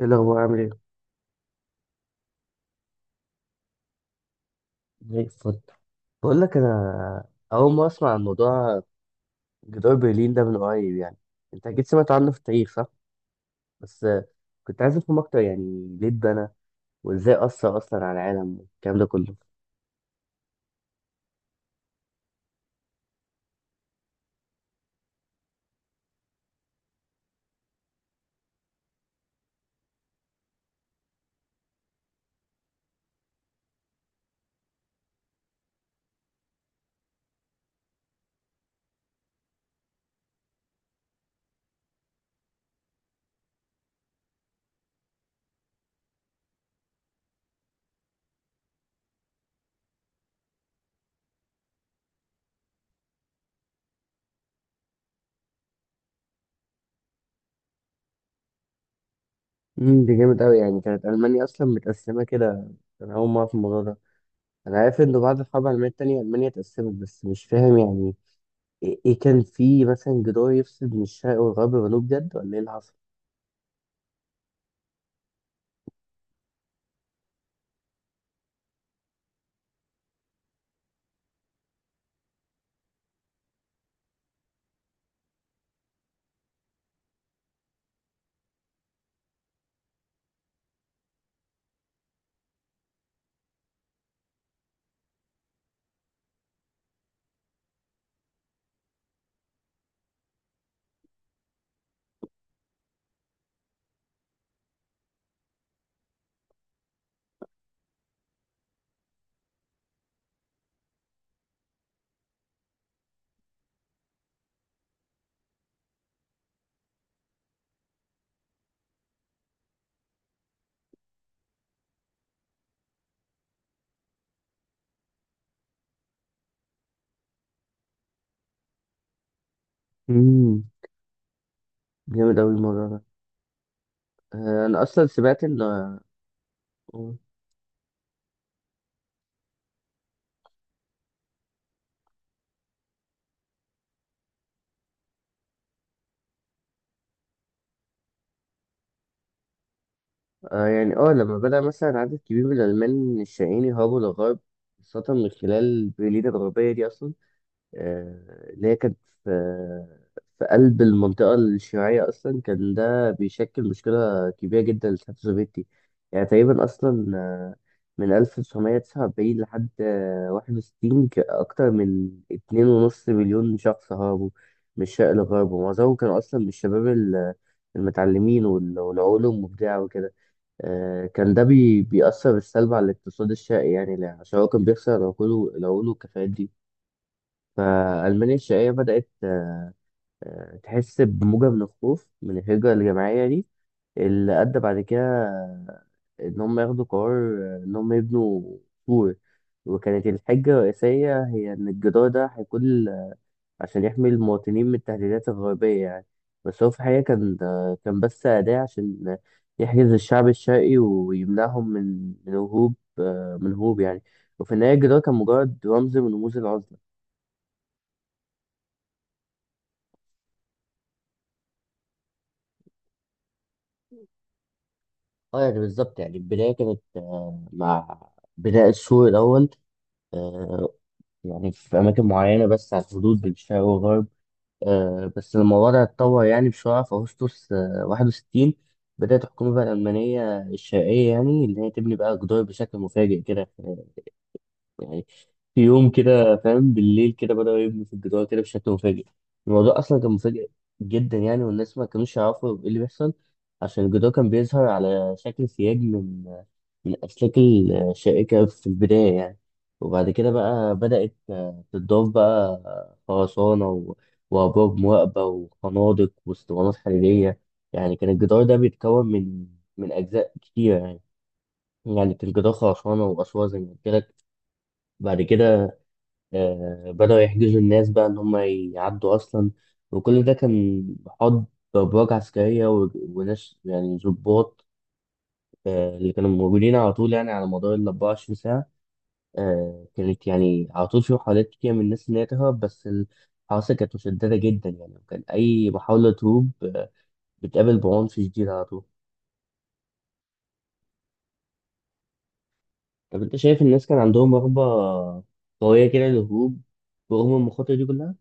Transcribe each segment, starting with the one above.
ايه الاخبار، عامل ايه؟ زي الفل. بقول لك، انا اول ما اسمع عن موضوع جدار برلين ده من قريب يعني، انت اكيد سمعت عنه في التاريخ، صح؟ بس كنت عايز افهم اكتر، يعني ليه اتبنى وازاي اثر اصلا على العالم والكلام ده كله. ده جامد قوي، يعني كانت المانيا اصلا متقسمه كده. انا اول ما اعرف الموضوع ده، انا عارف انه بعد الحرب العالميه التانية المانيا اتقسمت، بس مش فاهم يعني إيه كان في مثلا جدار يفصل بين الشرق والغرب والجنوب بجد، ولا ايه اللي حصل؟ امم جامد قوي الموضوع ده. انا اصلا سمعت ان. مم. يعني اه لما بدأ مثلا عدد كبير من الألمان الشقيين يهربوا للغرب، خاصة من خلال برلين الغربية دي أصلا، اللي هي كانت في في قلب المنطقة الشيوعية أصلا، كان ده بيشكل مشكلة كبيرة جدا للاتحاد السوفيتي. يعني تقريبا أصلا من 1949 لحد 61، أكتر من 2.5 مليون شخص هربوا من الشرق للغرب، ومعظمهم كانوا أصلا من الشباب المتعلمين والعلوم مبدعة وكده. كان ده بيأثر بالسلب على الاقتصاد الشائع يعني، عشان هو كان بيخسر العقول العقول والكفاءات دي. فألمانيا الشقيقة بدأت تحس بموجة من الخوف من الهجرة الجماعية دي، اللي أدى بعد كده آه، إن هم ياخدوا قرار، إن هم يبنوا سور. وكانت الحجة الرئيسية هي إن الجدار ده هيكون عشان يحمي المواطنين من التهديدات الغربية يعني، بس هو في الحقيقة كان بس أداة عشان يحجز الشعب الشرقي ويمنعهم من هروب يعني. وفي النهاية الجدار كان مجرد رمز من رموز العزلة. اه يعني بالظبط، يعني البداية كانت مع بناء السور الأول، آه، يعني في أماكن معينة بس على الحدود بين الشرق والغرب. بس الموضوع ده اتطور يعني بسرعة في أغسطس 61. بدأت الحكومة بقى الألمانية الشرقية، يعني اللي هي تبني بقى جدار بشكل مفاجئ كده. يعني في يوم كده فاهم، بالليل كده بدأوا يبنوا في الجدار كده بشكل مفاجئ. الموضوع أصلا كان مفاجئ جدا يعني، والناس ما كانوش يعرفوا إيه اللي بيحصل. عشان الجدار كان بيظهر على شكل سياج من الأسلاك الشائكة في البداية يعني، وبعد كده بقى بدأت تضاف بقى خرسانة وأبراج مواقبة وخنادق واسطوانات حديدية. يعني كان الجدار ده بيتكون من أجزاء كتيرة يعني، يعني كان جدار خرسانة وأسوار زي ما قلت لك. بعد كده بدأوا يحجزوا الناس بقى إن هم يعدوا أصلا، وكل ده كان محاط بأبراج عسكرية وناس يعني ضباط، اللي كانوا موجودين على طول، يعني على مدار ال 24 ساعة. كانت يعني على طول في محاولات كتير من الناس إن هي تهرب، بس الحراسة كانت مشددة جدا يعني، وكان أي محاولة تهرب بتقابل بعنف شديد على طول. طب أنت شايف الناس كان عندهم رغبة قوية كده للهروب رغم المخاطر دي كلها؟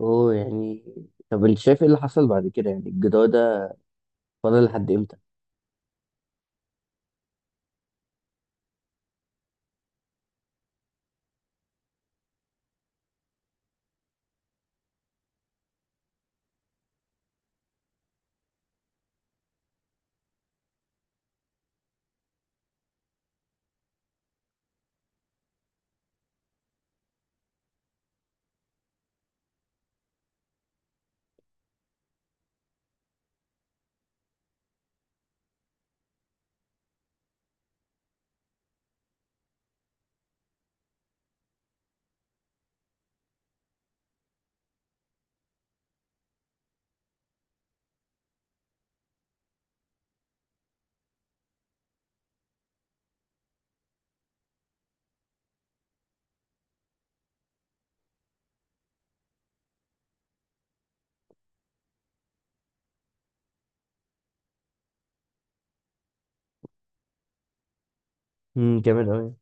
أوه، يعني طب أنت شايف إيه اللي حصل بعد كده، يعني الجدار ده فضل لحد إمتى؟ جامد أوي.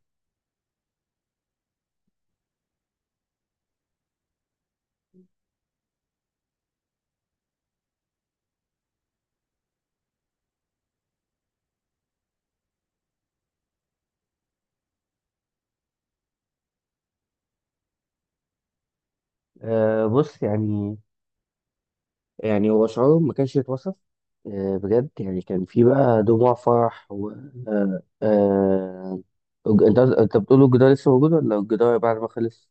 أه، بص يعني هو شعور ما كانش يتوصف، بجد يعني كان في بقى دموع فرح. و آه، آه، الج- انت بتقول الجدار لسه موجود ولا الجدار بعد ما خلص؟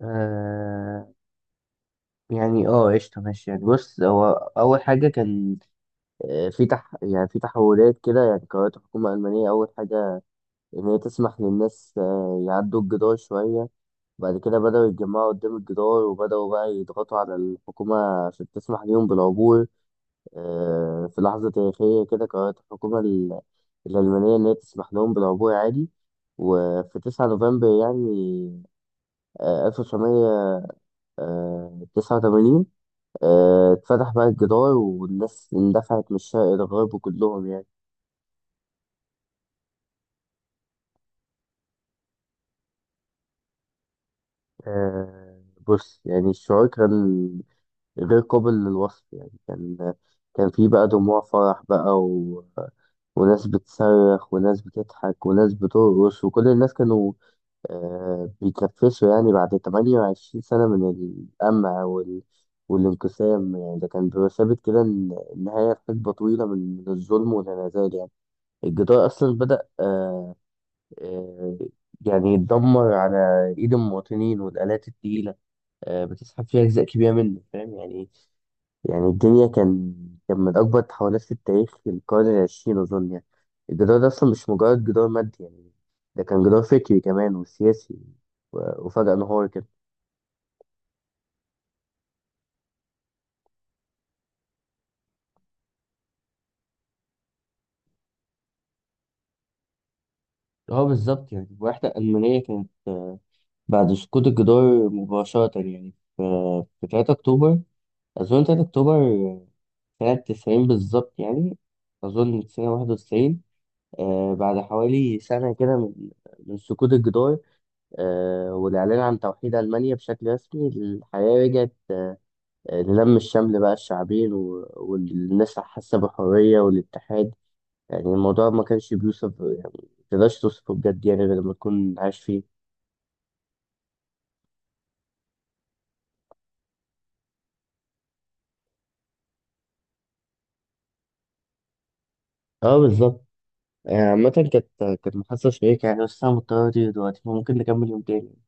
آه يعني اه قشطة، ماشي يعني، بص هو أول حاجة كان، في تح يعني في تحولات كده، يعني قررت الحكومة الألمانية أول حاجة إن هي تسمح للناس يعدوا الجدار شوية. بعد كده بدأوا يتجمعوا قدام الجدار، وبدأوا بقى يضغطوا على الحكومة عشان تسمح ليهم بالعبور. في لحظة تاريخية كده قررت الحكومة الألمانية إن هي تسمح لهم بالعبور عادي، وفي 9 نوفمبر يعني آه، 1989 اتفتح بقى الجدار، والناس اندفعت من الشرق للغرب كلهم يعني. آه، بص يعني الشعور كان غير قابل للوصف يعني، كان في بقى دموع فرح بقى، وناس بتصرخ وناس بتضحك وناس بترقص، وكل الناس كانوا بيكرفسوا يعني بعد 28 سنة من القمع والانقسام يعني. ده كان بيبقى ثابت كده إن النهاية في حقبة طويلة من الظلم والانعزال يعني. الجدار أصلا بدأ آه يعني يتدمر على إيد المواطنين والآلات التقيلة، بتسحب فيها أجزاء كبيرة منه فاهم يعني. يعني الجري كان من أكبر التحولات في التاريخ في القرن العشرين أظن يعني. الجدار ده أصلا مش مجرد جدار مادي يعني، ده كان جدار فكري كمان وسياسي، وفجأة انهار كده. اه بالظبط، يعني الوحدة الألمانية كانت بعد سقوط الجدار مباشرة يعني، في 3 أكتوبر، أظن 3 أكتوبر سنة 90 بالظبط يعني، أظن سنة 91. بعد حوالي سنة كده من سقوط الجدار، والإعلان عن توحيد ألمانيا بشكل رسمي، الحياة رجعت للم الشمل بقى الشعبين والناس حاسة بالحرية والاتحاد. يعني الموضوع ما كانش بيوصف يعني، متقدرش توصفه بجد يعني، غير لما تكون عايش فيه. اه بالظبط، يعني عامة كانت محادثة شيقة يعني، بس أنا مضطر أطير دلوقتي، فممكن نكمل يوم تاني.